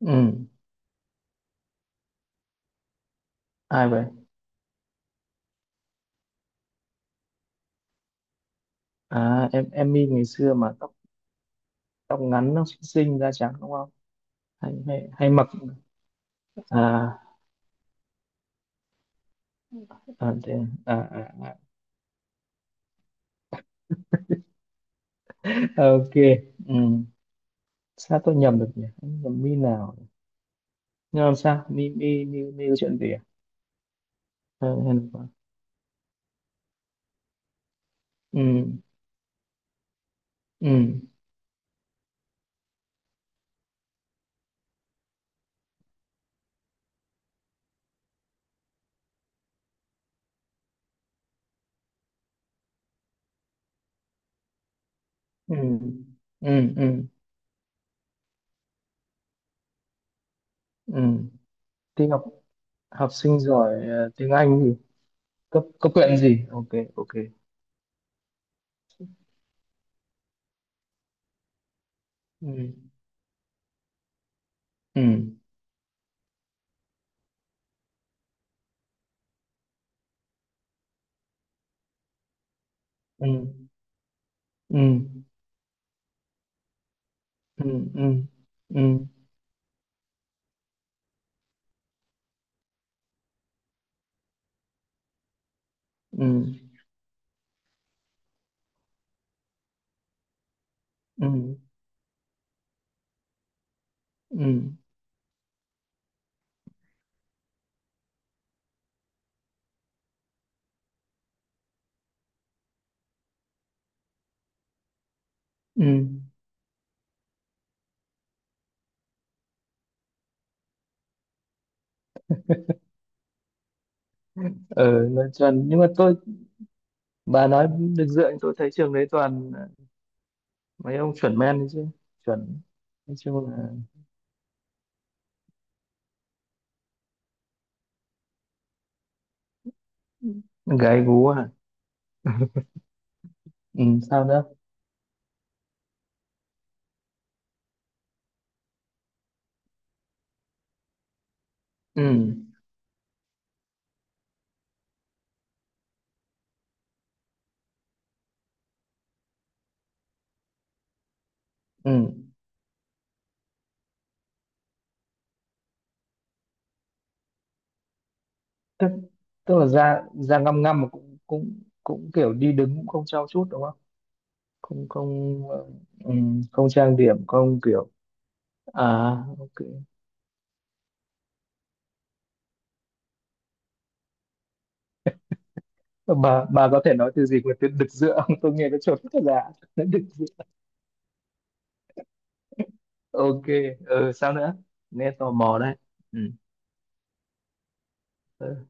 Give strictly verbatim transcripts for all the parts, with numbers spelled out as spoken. Ừ. Ai vậy? À, em em Mi ngày xưa mà tóc tóc ngắn, nó xinh xinh, da trắng đúng không? Hay hay, Hay mặc. À, à, thế. À, à, à. Ok. Ừ. Sao tôi nhầm được nhỉ? Em nhầm Mi nào? Nhưng làm sao mi mi mi mi có chuyện gì à? Ờ, hay là có- ừ, ừ, ừ, ừ, ừ, ừ. Tiếng học học sinh giỏi ờ, tiếng Anh gì. Cấp cấp huyện gì. Ok. Ok. ừ, ừ, ừ, ừ, ừ, ừ, ừ. Ừ. Ừ, ừ, ừ, ừ. ờ mà toàn Nhưng mà tôi bà nói được dựa. Tôi thấy trường đấy toàn mấy ông chuẩn men đấy chứ. Chuẩn. Nói chung là gái gú à? Ừ, sao nữa? Ừ, ừ. Tức tức là da da ngăm ngăm mà cũng cũng cũng kiểu đi đứng cũng không trau chuốt đúng không? Không, không, ờ, ừ, không trang điểm không kiểu. À, ok. Bà bà có thể nói từ gì mà từ đực dựa không, tôi nghe nó chuẩn thật là đực. Ok. Ừ, sao nữa? Nghe tò mò đấy. Ừ, ừ,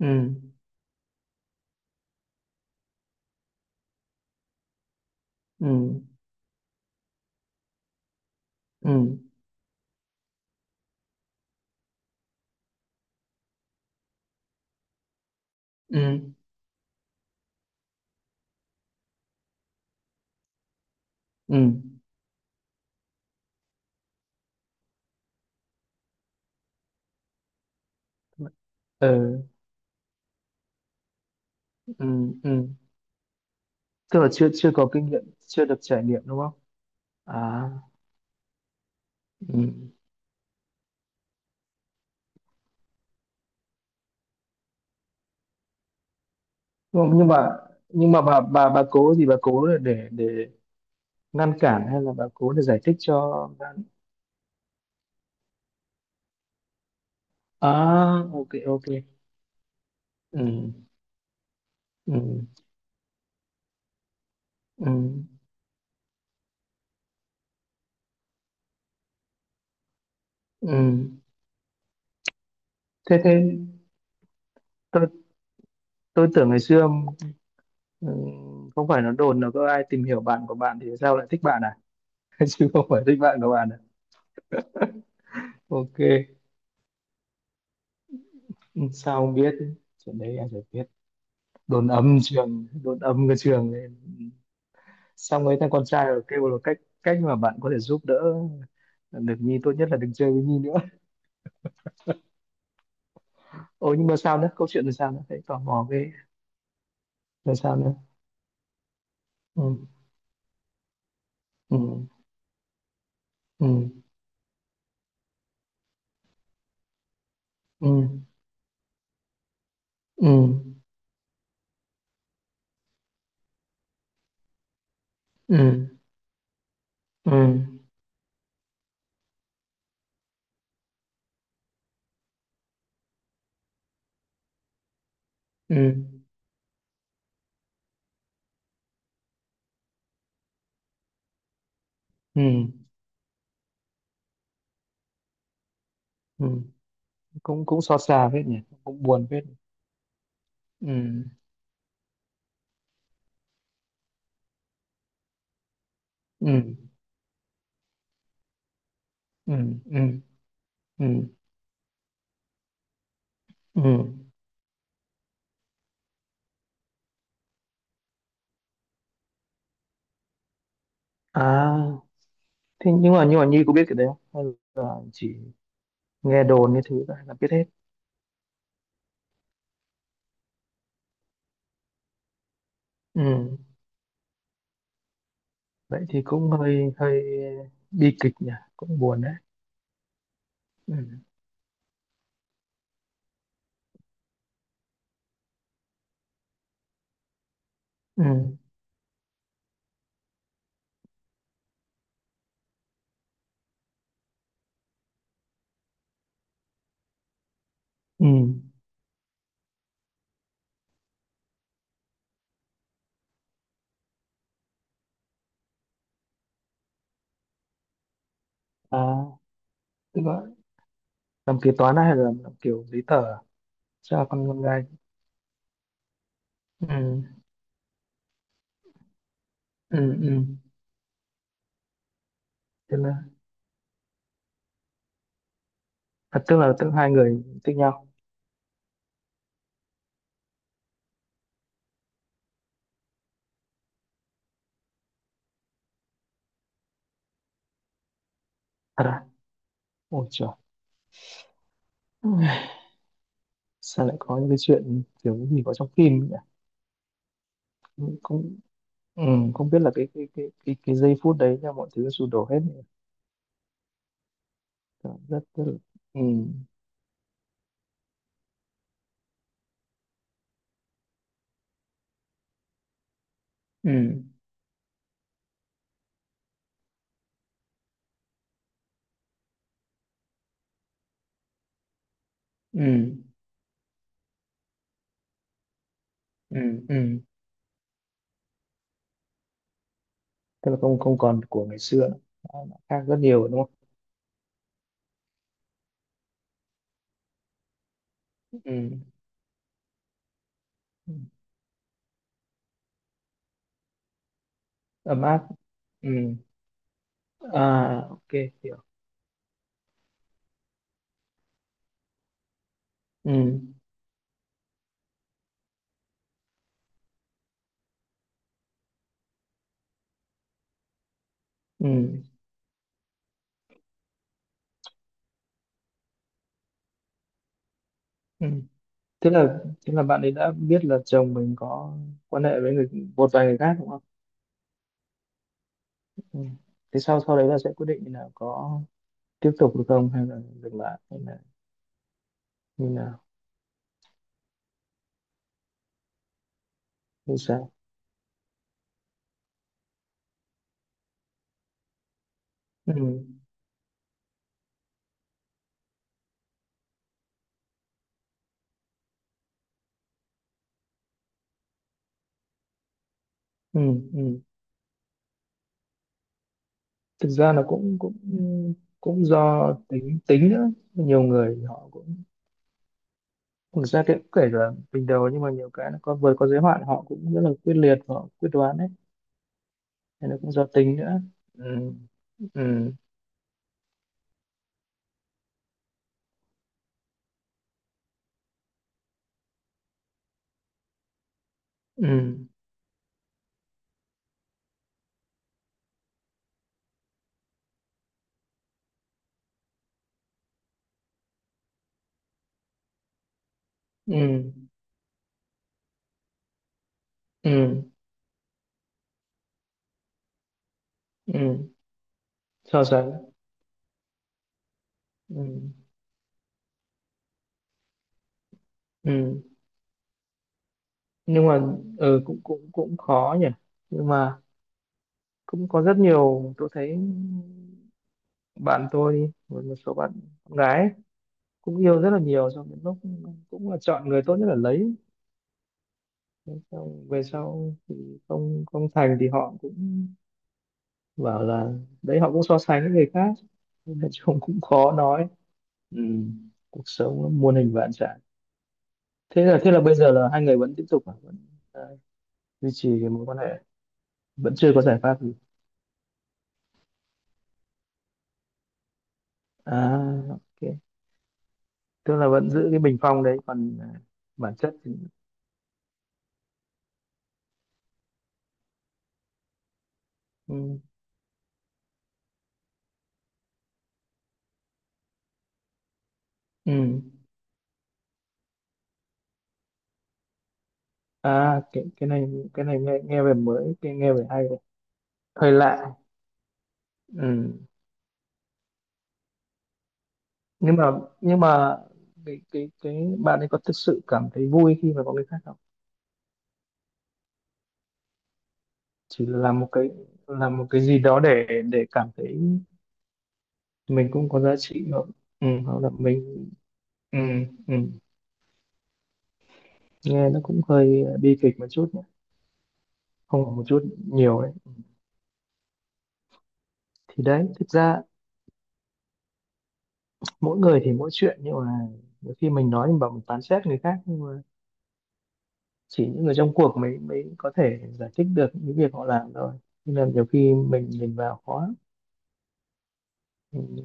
ừ, ừ, ừ, ừ, ừ, ừ, ừ, ừ, ừ. Tức là chưa chưa có kinh nghiệm, chưa được trải nghiệm đúng không? À. Ừ. nhưng nhưng mà nhưng mà bà bà bà cố gì, bà cố là để để ngăn cản hay là bà cố để giải thích cho bạn? À, ok. Ok. Ừ, ừ, ừ, ừ. Thế thế tôi tôi tưởng ngày xưa. Ừ, không phải nó đồn là có ai tìm hiểu bạn của bạn thì sao lại thích bạn à? Chứ không phải thích bạn của bạn à? Ok. Ừ, sao không biết? Chuyện đấy em phải biết. Đồn âm trường, đồn âm cái trường ấy. Xong ấy thằng con trai rồi kêu là cách, cách mà bạn có thể giúp đỡ được Nhi tốt nhất là đừng chơi với Nhi nữa. Ồ, nhưng mà sao nữa, câu chuyện là sao nữa, thấy tò mò cái là sao nữa? Ừ, ừ, ừ, ừ, ừ, ừ, ừ, ừ, ừ, ừ. Cũng cũng xót xa phết nhỉ. Cũng buồn phết. Ừ, ừ, ừ, ừ, ừ, ừ. À, thế nhưng mà nhưng mà Nhi có biết cái đấy không, hay là chỉ nghe đồn như thứ là là biết hết? Ừ, vậy thì cũng hơi hơi bi kịch nhỉ. Cũng buồn đấy. Ừ, ừ, ừ. À, tức là làm kế toán hay là làm, làm kiểu giấy tờ à? Sao là con con gái? Ừ, ừ, ừ. Tức là, à, tức là tức hai người thích nhau? Thật à? Ôi trời. Sao lại có những cái chuyện kiểu gì có trong phim nhỉ? Cũng. Ừ, không biết là cái cái cái cái, cái giây phút đấy là mọi thứ sụp đổ hết rồi. Cảm giác rất rất là. Ừ. Ừ, ừ, ừ, ừ. Tức là không không còn của ngày xưa nữa. Nó nó khác rất nhiều đúng không? Ừ, ừ. Ấm áp. Ừ. À, ok. Hiểu. Ừ, ừ, ừ. Thế là thế là bạn ấy đã biết là chồng mình có quan hệ với người, một vài người khác đúng không? Ừ. Thế sau sau đấy là sẽ quyết định là có tiếp tục được không, hay là dừng lại hay là như nào? Như sao? Ừ. Ừ, ừ. Thực ra là cũng cũng cũng do tính tính nữa. Nhiều người họ cũng, thực ra cái cũng kể cả bình đầu, nhưng mà nhiều cái nó có vượt có giới hạn, họ cũng rất là quyết liệt và họ quyết đoán đấy. Nên nó cũng do tính nữa. Ừ, ừ, ừ, ừ, ừ, ừ. So sánh. Ừ, ừ. Nhưng mà ừ, cũng cũng cũng khó nhỉ. Nhưng mà cũng có rất nhiều, tôi thấy bạn tôi một một số bạn gái cũng yêu rất là nhiều, xong đến lúc cũng là chọn người tốt nhất là lấy. Thế xong về sau thì không không thành thì họ cũng bảo là đấy, họ cũng so sánh với người khác. Nên là chung cũng khó nói. Ừ. Cuộc sống nó muôn hình vạn trạng. Thế là thế là bây giờ là hai người vẫn tiếp tục à? Vẫn à, duy trì cái mối quan hệ, vẫn chưa có giải pháp gì? À, ok. Tức là vẫn giữ cái bình phong đấy còn à, bản chất thì. Ừ. Ừ. À, cái cái này, cái này nghe nghe về mới, cái nghe về hay đấy, hơi lạ. Ừ. Nhưng mà, nhưng mà cái cái cái bạn ấy có thực sự cảm thấy vui khi mà có người khác không? Chỉ là làm một cái, làm một cái gì đó để để cảm thấy mình cũng có giá trị nữa. Ừ, hoặc là mình. Ừ, ừ. Nghe nó cũng hơi bi kịch một chút nhé. Không phải một chút, nhiều đấy. Thì đấy, thực ra mỗi người thì mỗi chuyện, nhưng mà nhiều khi mình nói, mình bảo mình phán xét người khác, nhưng mà chỉ những người trong cuộc mới mới có thể giải thích được những việc họ làm thôi. Nên là nhiều khi mình nhìn vào khó.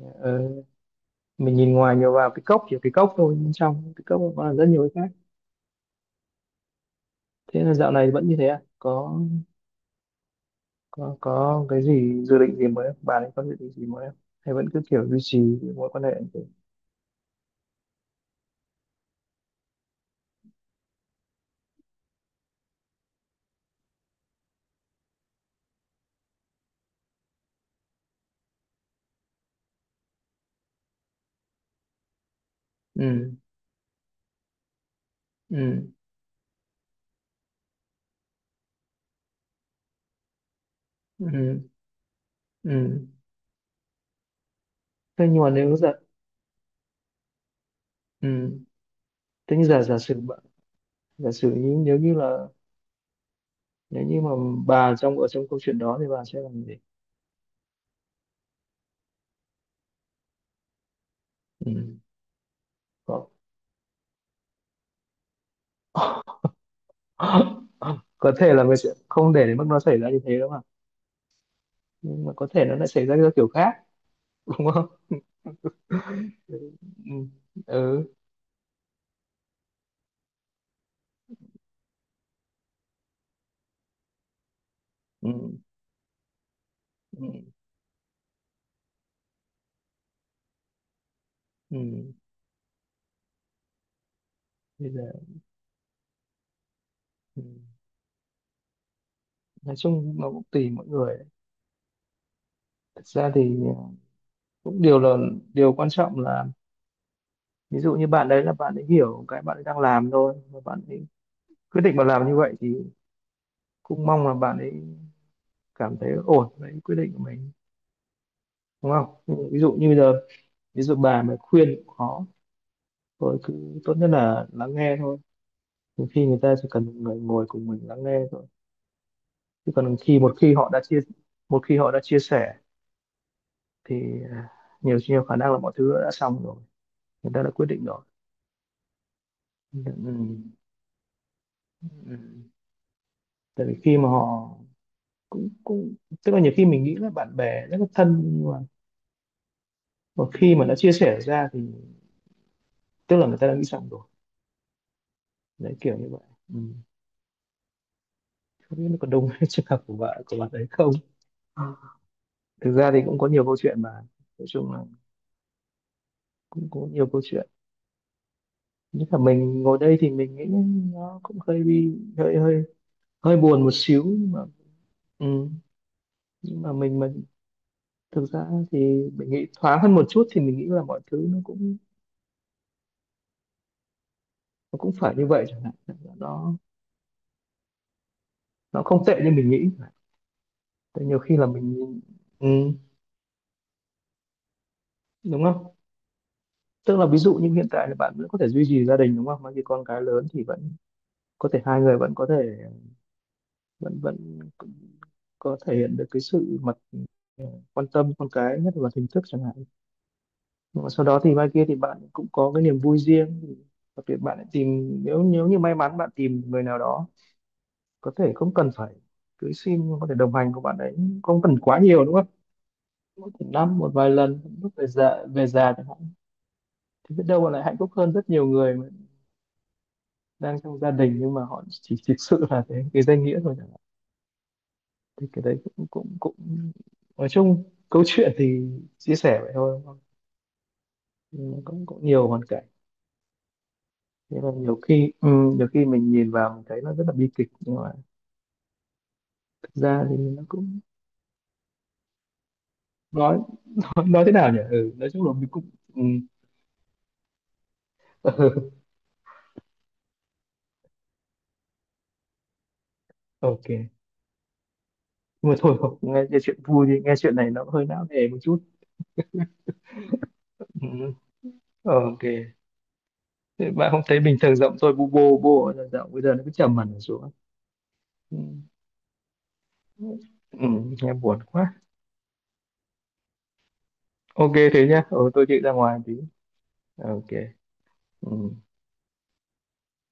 Ừ, mình nhìn ngoài nhiều vào cái cốc, chỉ cái cốc thôi, bên trong cái cốc nó còn rất nhiều cái khác. Thế là dạo này vẫn như thế à, có có có cái gì dự định gì mới không? Bà ấy có dự định gì mới không, hay vẫn cứ kiểu duy trì cái mối quan hệ như thế? Ừ, ừ, ừ, ừ. Thế nhưng mà nếu giả, ừ, thế nhưng giả giả sử bạn- giả sử như, nếu như là, nếu như mà bà trong, ở trong câu chuyện đó thì bà sẽ làm gì? Ừ. Có. Có thể là mình sẽ không để đến mức nó xảy ra như thế đâu mà, nhưng mà có thể nó lại xảy ra theo kiểu khác. Đúng. Ừ, ừ, ừ, ừ, ừ. Bây giờ. Ừ. Nói chung nó cũng tùy mỗi người. Thật ra thì cũng điều là, điều quan trọng là ví dụ như bạn đấy là bạn ấy hiểu cái bạn ấy đang làm thôi và bạn ấy quyết định mà làm như vậy thì cũng mong là bạn ấy cảm thấy ổn với quyết định của mình, đúng không? Nhưng ví dụ như bây giờ, ví dụ bà mà khuyên cũng khó, thôi cứ tốt nhất là lắng nghe thôi. Nhiều khi người ta chỉ cần một người ngồi cùng mình lắng nghe thôi, chứ còn khi một khi họ đã chia, một khi họ đã chia sẻ thì à, nhiều nhiều khả năng là mọi thứ đã xong rồi, người ta đã quyết định rồi. Ừ. Ừ, ừ. Tại vì khi mà họ cũng cũng, tức là nhiều khi mình nghĩ là bạn bè rất là thân, nhưng mà, mà khi mà đã chia sẻ ra thì tức là người ta đã nghĩ xong rồi. Đấy, kiểu như vậy. Ừ. Không biết nó còn đông trường hợp của bạn, của bạn ấy không? Thực ra thì cũng có nhiều câu chuyện mà, nói chung là cũng có nhiều câu chuyện, nhất là mình ngồi đây thì mình nghĩ nó cũng hơi bị hơi hơi hơi buồn một xíu nhưng mà. Ừ. Nhưng mà mình mà, thực ra thì mình nghĩ thoáng hơn một chút thì mình nghĩ là mọi thứ nó cũng, nó cũng phải như vậy chẳng hạn, nó nó không tệ như mình nghĩ. Tại nhiều khi là mình, ừ, đúng không? Tức là ví dụ như hiện tại là bạn vẫn có thể duy trì gia đình đúng không, mà khi con cái lớn thì vẫn có thể hai người vẫn có thể, vẫn vẫn có thể hiện được cái sự mặt, ờ, quan tâm con cái nhất là hình thức chẳng hạn. Nhưng mà sau đó thì mai kia thì bạn cũng có cái niềm vui riêng thì đặc biệt bạn lại tìm, nếu nếu như may mắn bạn tìm người nào đó, có thể không cần phải cưới xin nhưng có thể đồng hành của bạn ấy, không cần quá nhiều đúng không? Mỗi một năm một vài lần lúc về già về già chẳng hạn, thì biết đâu bạn lại hạnh phúc hơn rất nhiều người mà đang trong gia đình, nhưng mà họ chỉ thực sự là cái, cái danh nghĩa thôi chẳng hạn. Thì cái đấy cũng cũng cũng nói chung, câu chuyện thì chia sẻ vậy thôi đúng không? Nhưng mà cũng cũng nhiều hoàn cảnh. Thế là nhiều khi ừ, nhiều khi mình nhìn vào mình thấy nó rất là bi kịch, nhưng mà thực ra thì nó cũng, nói, nói, nói thế nào nhỉ ừ, nói chung là mình cũng ừ, ok. Nhưng mà thôi không nghe, nghe chuyện vui thì nghe chuyện này nó hơi não nề một chút. Ừ. Ờ, ok. Thế bạn không thấy bình thường giọng tôi bu bô bô là giọng bây giờ nó cứ trầm hẳn xuống. Ừ. Ừ, nghe buồn quá. Ok thế nhá, ừ, tôi chịu ra ngoài tí. Ờ, ok. Ừ.